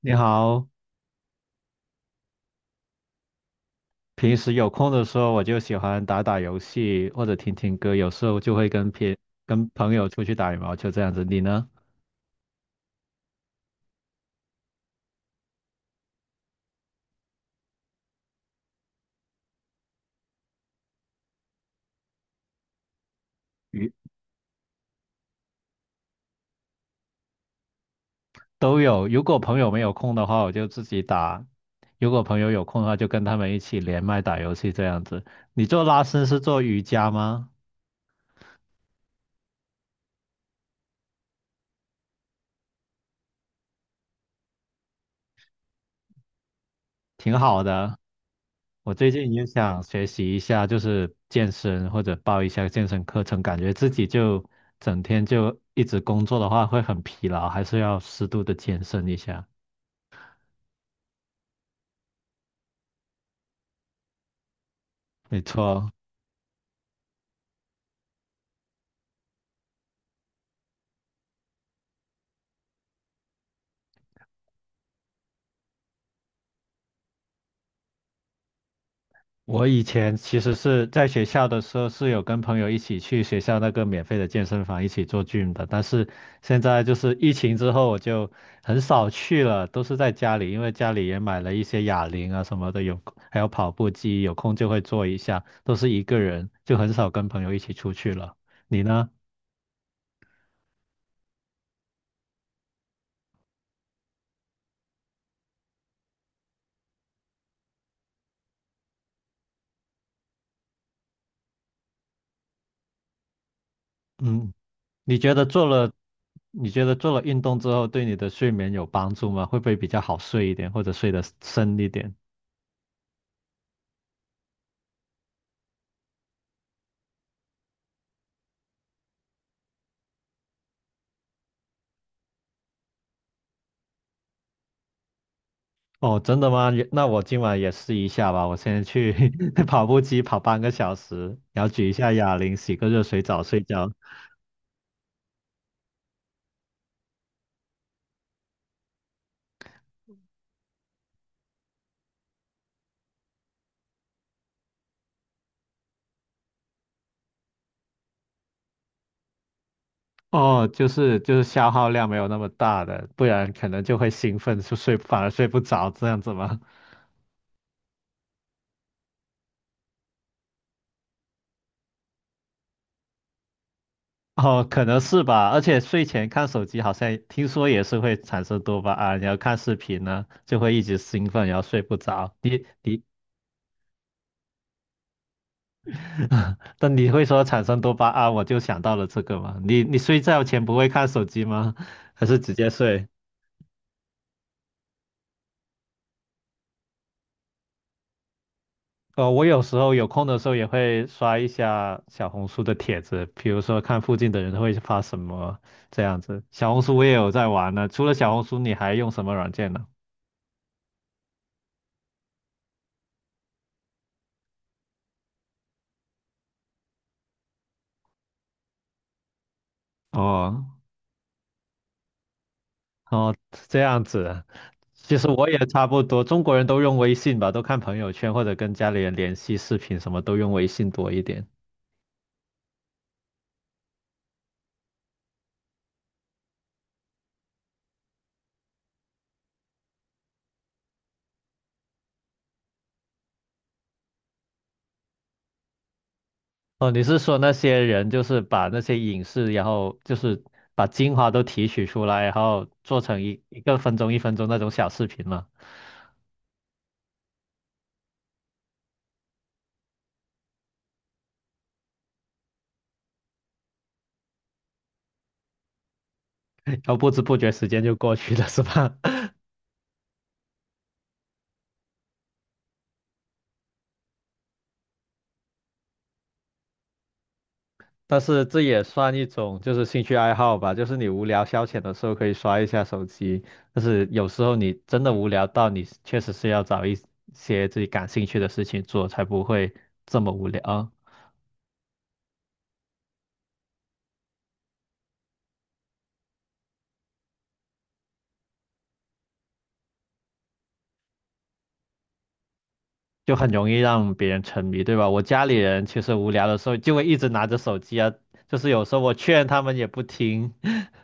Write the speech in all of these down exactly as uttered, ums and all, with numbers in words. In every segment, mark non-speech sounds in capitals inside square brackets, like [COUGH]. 你好，平时有空的时候我就喜欢打打游戏或者听听歌，有时候就会跟朋跟朋友出去打羽毛球这样子。你呢？与都有。如果朋友没有空的话，我就自己打；如果朋友有空的话，就跟他们一起连麦打游戏这样子。你做拉伸是做瑜伽吗？挺好的。我最近也想学习一下，就是健身或者报一下健身课程，感觉自己就整天就一直工作的话会很疲劳，还是要适度的健身一下。没错，我以前其实是在学校的时候是有跟朋友一起去学校那个免费的健身房一起做 gym 的，但是现在就是疫情之后我就很少去了，都是在家里，因为家里也买了一些哑铃啊什么的，有还有跑步机，有空就会做一下，都是一个人，就很少跟朋友一起出去了。你呢？嗯，你觉得做了，你觉得做了运动之后对你的睡眠有帮助吗？会不会比较好睡一点，或者睡得深一点？哦，真的吗？也那我今晚也试一下吧。我先去 [LAUGHS] 跑步机跑半个小时，然后举一下哑铃，洗个热水澡睡觉。哦，就是就是消耗量没有那么大的，不然可能就会兴奋，就睡反而睡不着这样子吗？哦，可能是吧。而且睡前看手机好像听说也是会产生多巴胺，然后看视频呢就会一直兴奋，然后睡不着。你你 [LAUGHS] 但你会说产生多巴胺，我就想到了这个嘛。你你睡觉前不会看手机吗？[LAUGHS] 还是直接睡？哦，我有时候有空的时候也会刷一下小红书的帖子，比如说看附近的人会发什么这样子。小红书我也有在玩呢。除了小红书，你还用什么软件呢？哦哦，这样子啊。其实我也差不多，中国人都用微信吧，都看朋友圈或者跟家里人联系视频，什么都用微信多一点。哦，你是说那些人就是把那些影视，然后就是把精华都提取出来，然后做成一一个分钟、一分钟那种小视频嘛，[LAUGHS] 然后不知不觉时间就过去了，[LAUGHS] 是吧？[LAUGHS] 但是这也算一种就是兴趣爱好吧，就是你无聊消遣的时候可以刷一下手机，但是有时候你真的无聊到你确实是要找一些自己感兴趣的事情做，才不会这么无聊啊。就很容易让别人沉迷，对吧？我家里人其实无聊的时候就会一直拿着手机啊，就是有时候我劝他们也不听，[LAUGHS]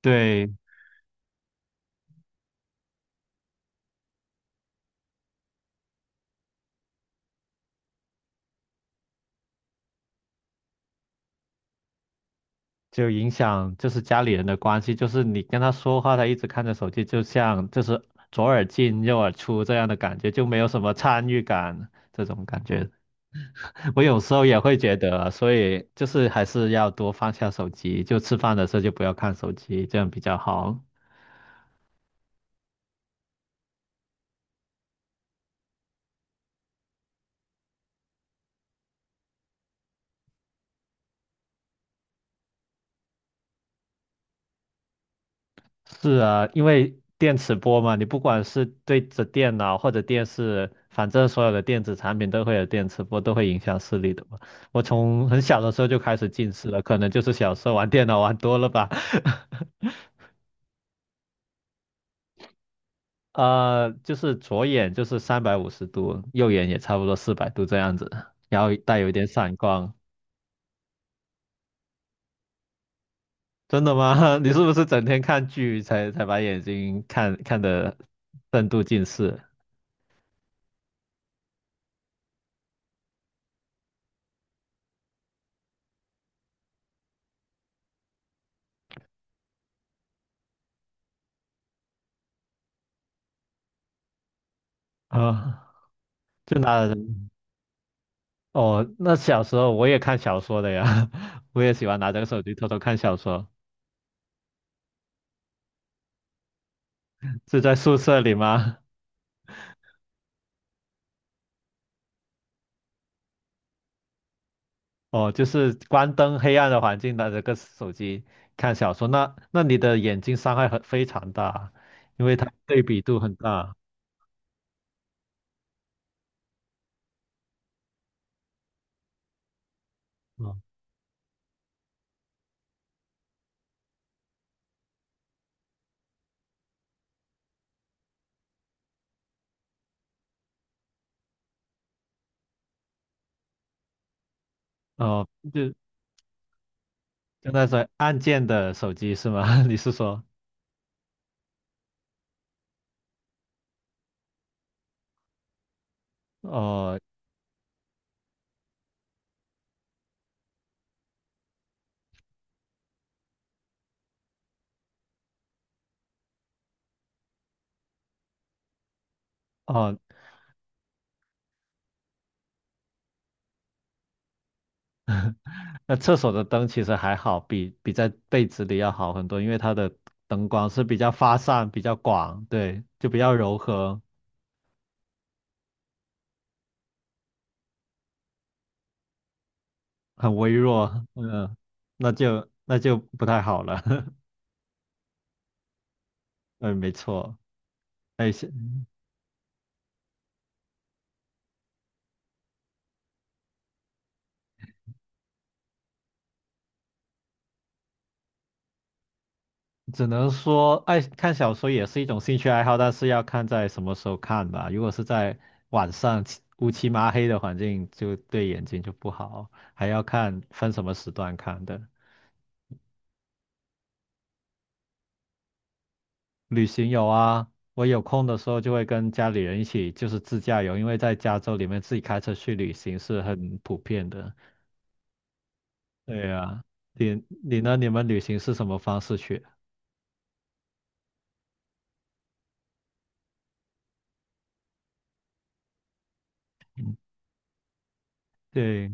对，就影响就是家里人的关系，就是你跟他说话，他一直看着手机，就像就是左耳进右耳出这样的感觉，就没有什么参与感这种感觉。[LAUGHS] 我有时候也会觉得，所以就是还是要多放下手机，就吃饭的时候就不要看手机，这样比较好。是啊，因为电磁波嘛，你不管是对着电脑或者电视，反正所有的电子产品都会有电磁波，都会影响视力的嘛。我从很小的时候就开始近视了，可能就是小时候玩电脑玩多了吧。[LAUGHS] 呃，就是左眼就是三百五十度，右眼也差不多四百度这样子，然后带有一点散光。真的吗？[LAUGHS] 你是不是整天看剧才才把眼睛看看的深度近视 [LAUGHS] 啊？就拿哦，那小时候我也看小说的呀，[LAUGHS] 我也喜欢拿着手机偷偷看小说。是在宿舍里吗？哦，就是关灯黑暗的环境，拿着个手机看小说，那那你的眼睛伤害很非常大，因为它对比度很大。嗯，哦，就就那种按键的手机是吗？[LAUGHS] 你是说？哦哦，那厕所的灯其实还好，比比在被子里要好很多，因为它的灯光是比较发散、比较广，对，就比较柔和。很微弱，嗯，那就那就不太好了。[LAUGHS] 嗯，没错，哎，是，只能说爱看小说也是一种兴趣爱好，但是要看在什么时候看吧。如果是在晚上漆乌漆麻黑的环境，就对眼睛就不好，还要看分什么时段看的。旅行有啊，我有空的时候就会跟家里人一起，就是自驾游，因为在加州里面自己开车去旅行是很普遍的。对啊，你你呢？你们旅行是什么方式去？对，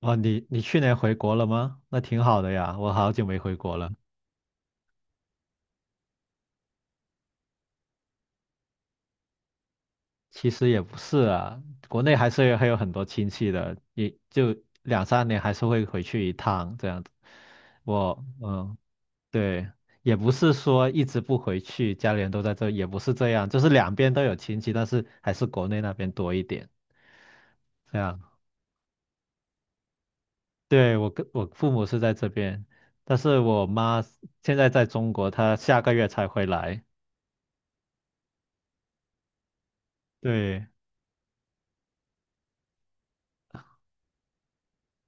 哦，你你去年回国了吗？那挺好的呀，我好久没回国了。其实也不是啊，国内还是有还有很多亲戚的，也就两三年还是会回去一趟这样子。我嗯，对，也不是说一直不回去，家里人都在这，也不是这样，就是两边都有亲戚，但是还是国内那边多一点。这样，对，我跟我父母是在这边，但是我妈现在在中国，她下个月才回来。对。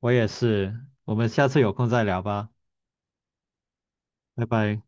我也是，我们下次有空再聊吧，拜拜。